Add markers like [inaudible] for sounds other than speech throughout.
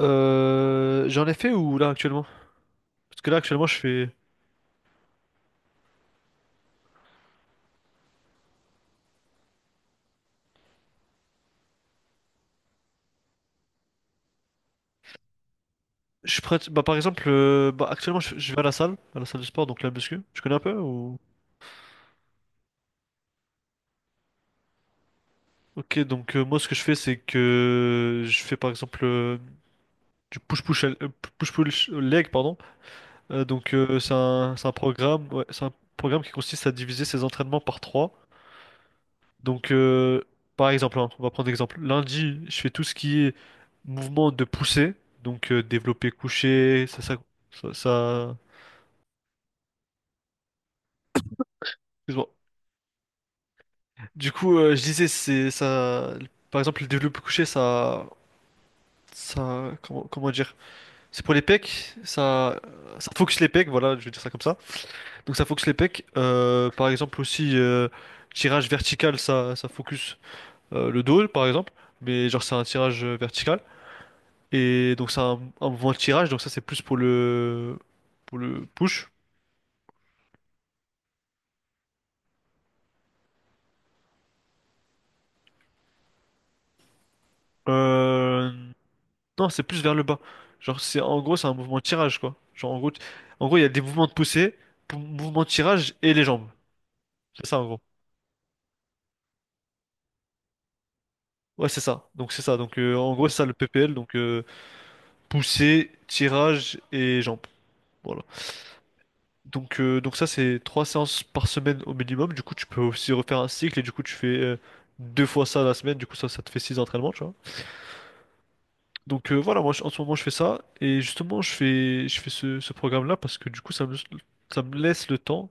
J'en ai fait ou là actuellement? Parce que là actuellement je fais. Je prête. Bah, par exemple, bah, actuellement je vais à la salle de sport, donc la muscu. Tu connais un peu ou... Ok, donc moi ce que je fais c'est que je fais par exemple du push-push push-push leg, pardon. Donc c'est un programme, ouais, c'est un programme qui consiste à diviser ses entraînements par trois. Donc par exemple, hein, on va prendre l'exemple. Lundi, je fais tout ce qui est mouvement de poussée, donc développer couché, ça, ça- excuse-moi. Du coup, je disais, c'est ça. Par exemple, le développé couché, ça, comment dire? C'est pour les pecs. Ça focus les pecs. Voilà, je vais dire ça comme ça. Donc ça focus les pecs. Par exemple aussi, tirage vertical, ça focus le dos, par exemple. Mais genre c'est un tirage vertical. Et donc c'est un mouvement de tirage. Donc ça c'est plus pour le push. Euh, Non, c'est plus vers le bas. Genre, c'est en gros, c'est un mouvement de tirage, quoi. Genre, en gros, en gros, il y a des mouvements de poussée, mouvement de tirage et les jambes. C'est ça, en gros. Ouais, c'est ça. Donc, c'est ça. Donc, en gros, c'est ça le PPL. Donc, poussée, tirage et jambes. Voilà. Donc ça, c'est trois séances par semaine au minimum. Du coup, tu peux aussi refaire un cycle et du coup, tu fais deux fois ça la semaine. Du coup, ça te fait six entraînements, tu vois. Donc voilà, en ce moment je fais ça et justement je fais ce, ce programme-là parce que du coup ça me laisse le temps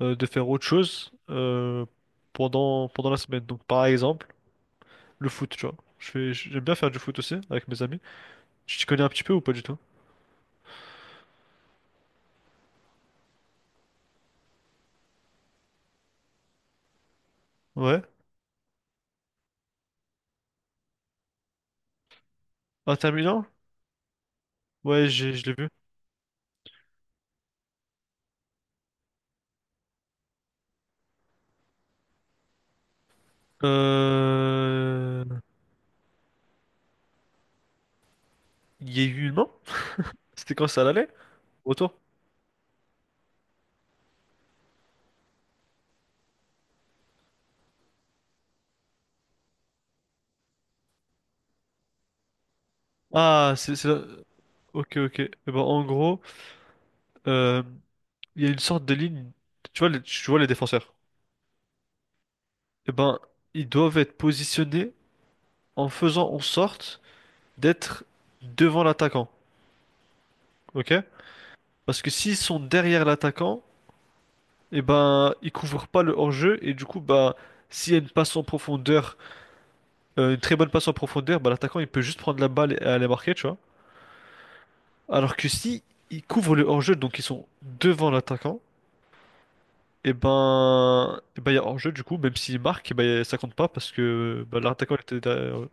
de faire autre chose pendant la semaine. Donc par exemple le foot, tu vois. Je fais j'aime bien faire du foot aussi avec mes amis. Tu t'y connais un petit peu ou pas du tout? Ouais. Inter Milan? Ouais, j'ai je l'ai vu. Euh... Il y a eu une main? C'était quand ça l'allait? Retour? Ah, c'est là. Ok, ok. Eh ben, en gros, euh, il y a une sorte de ligne. Tu vois, tu vois les défenseurs. Eh ben, ils doivent être positionnés en faisant en sorte d'être devant l'attaquant, ok? Parce que s'ils sont derrière l'attaquant, eh ben, ils couvrent pas le hors-jeu et du coup, bah, s'il y a une passe en profondeur, une très bonne passe en profondeur, bah, l'attaquant il peut juste prendre la balle et aller marquer, tu vois? Alors que si ils couvrent le hors-jeu, donc ils sont devant l'attaquant, et ben, eh ben, il y a hors-jeu du coup, même s'il marque, eh ben, ça compte pas parce que bah, l'attaquant était derrière.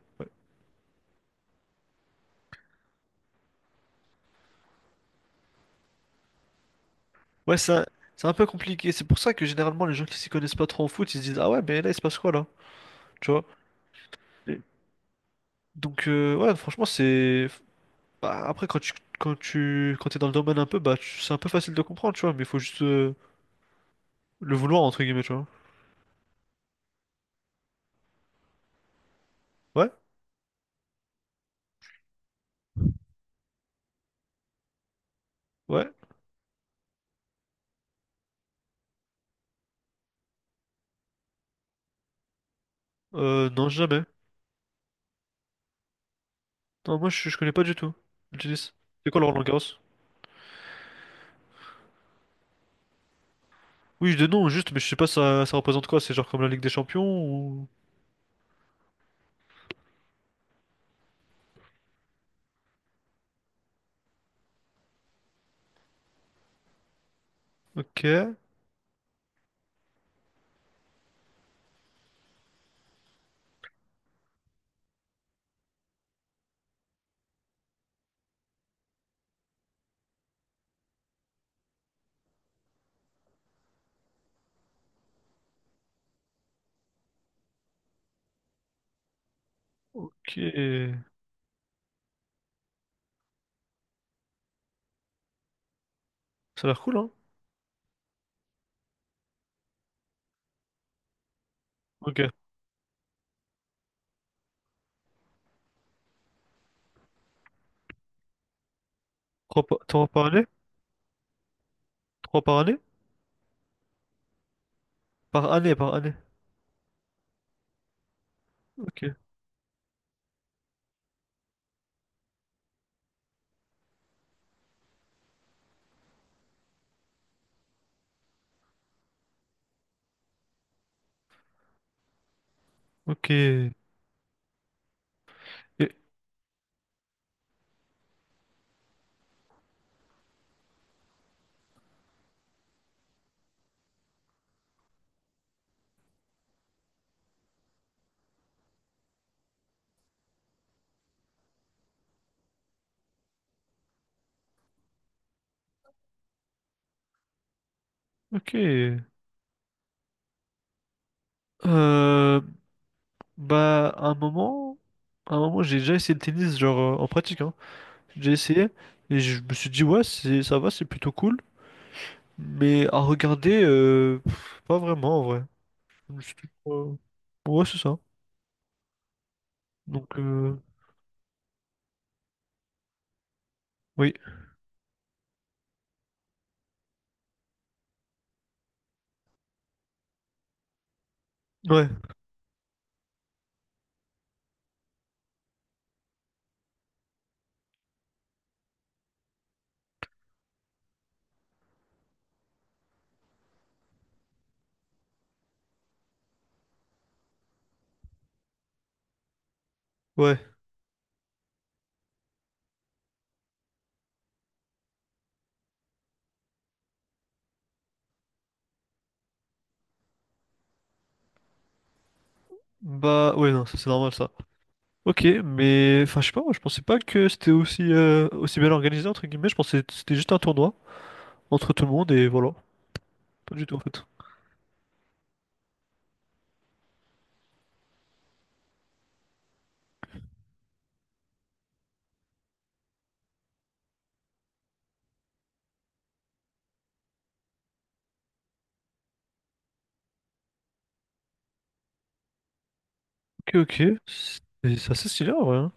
Ouais, c'est un peu compliqué. C'est pour ça que généralement, les gens qui s'y connaissent pas trop en foot, ils se disent, ah ouais, mais là, il se passe quoi là? Tu vois? Et donc, ouais, franchement, c'est. Bah, après, quand t'es dans le domaine un peu, bah, c'est un peu facile de comprendre, tu vois, mais il faut juste le vouloir, entre guillemets, tu vois. Ouais? Ouais? Non, jamais. Non, moi, je connais pas du tout le tennis. C'est quoi le Roland-Garros? Oui, de nom, juste, mais je sais pas, ça représente quoi? C'est genre comme la Ligue des Champions ou. Ok. Ok. Ça a l'air cool, hein? Ok. Trois par année? Trois par année? Par année, par année. Ok, ok, et- ok. Euh, bah, à un moment, j'ai déjà essayé le tennis, genre en pratique, hein. J'ai essayé et je me suis dit, ouais, c'est, ça va, c'est plutôt cool. Mais à regarder, pas vraiment en vrai. Je me suis dit, ouais, c'est ça. Donc, oui, ouais, ouais. Bah, ouais, non, ça c'est normal ça. Ok, mais enfin, je sais pas, moi, je pensais pas que c'était aussi, aussi bien organisé, entre guillemets. Je pensais que c'était juste un tournoi entre tout le monde et voilà. Pas du tout en fait. Ok, ok. C'est assez stylé en vrai, hein.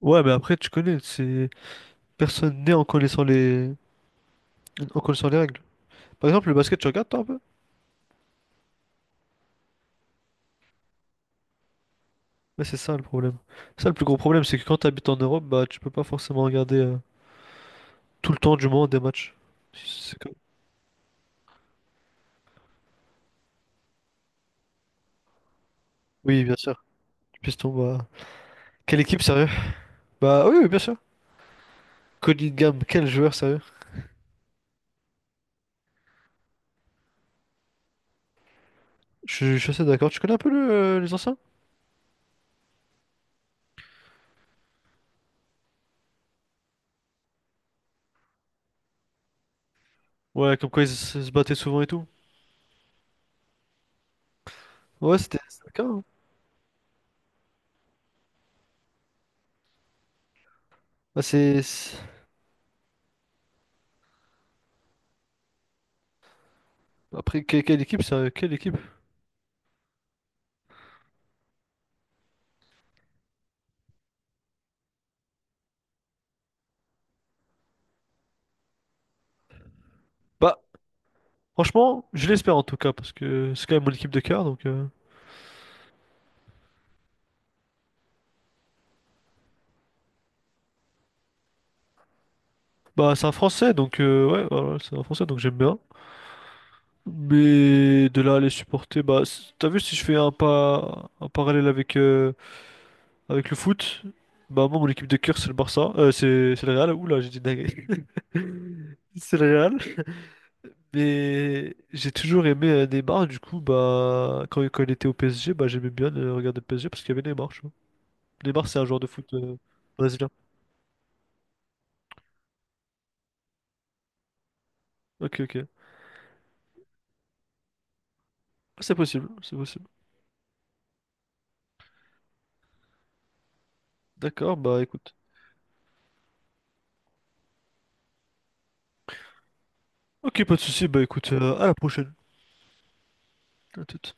Ouais, mais après, tu connais, c'est personne n'est en connaissant les... en connaissant les règles. Par exemple, le basket, tu regardes toi un peu? Mais c'est ça le problème. Ça, le plus gros problème, c'est que quand tu habites en Europe, bah tu peux pas forcément regarder tout le temps du monde des matchs. Si C'est comme- Oui, bien sûr. Piston, bah. Quelle équipe, sérieux? Bah oui, oui, bien sûr. Cunningham, quel joueur, sérieux? Je suis assez d'accord. Tu connais un peu le, les anciens? Ouais, comme quoi ils se battaient souvent et tout. Ouais, c'était c'était le cas, hein. Bah, c'est. Après, quelle, équipe, c'est quelle équipe? Bah, franchement, je l'espère en tout cas, parce que c'est quand même mon équipe de cœur, donc... Bah, c'est un Français, donc... ouais, voilà, c'est un Français, donc j'aime bien. Mais de là à les supporter, bah... T'as vu, si je fais un pas... un parallèle avec, avec le foot, bah moi, mon équipe de cœur, c'est le Barça. C'est le Real. Ouh là, j'ai dit dingue. [laughs] C'est le Real. Mais j'ai toujours aimé Neymar, du coup, bah... Quand, quand il était au PSG, bah j'aimais bien regarder le PSG, parce qu'il y avait Neymar, tu vois. Neymar, c'est un joueur de foot... brésilien. Ok, ok. Ah, c'est possible, c'est possible. D'accord, bah écoute. Ok, pas de souci, bah écoute, à la prochaine. À toute.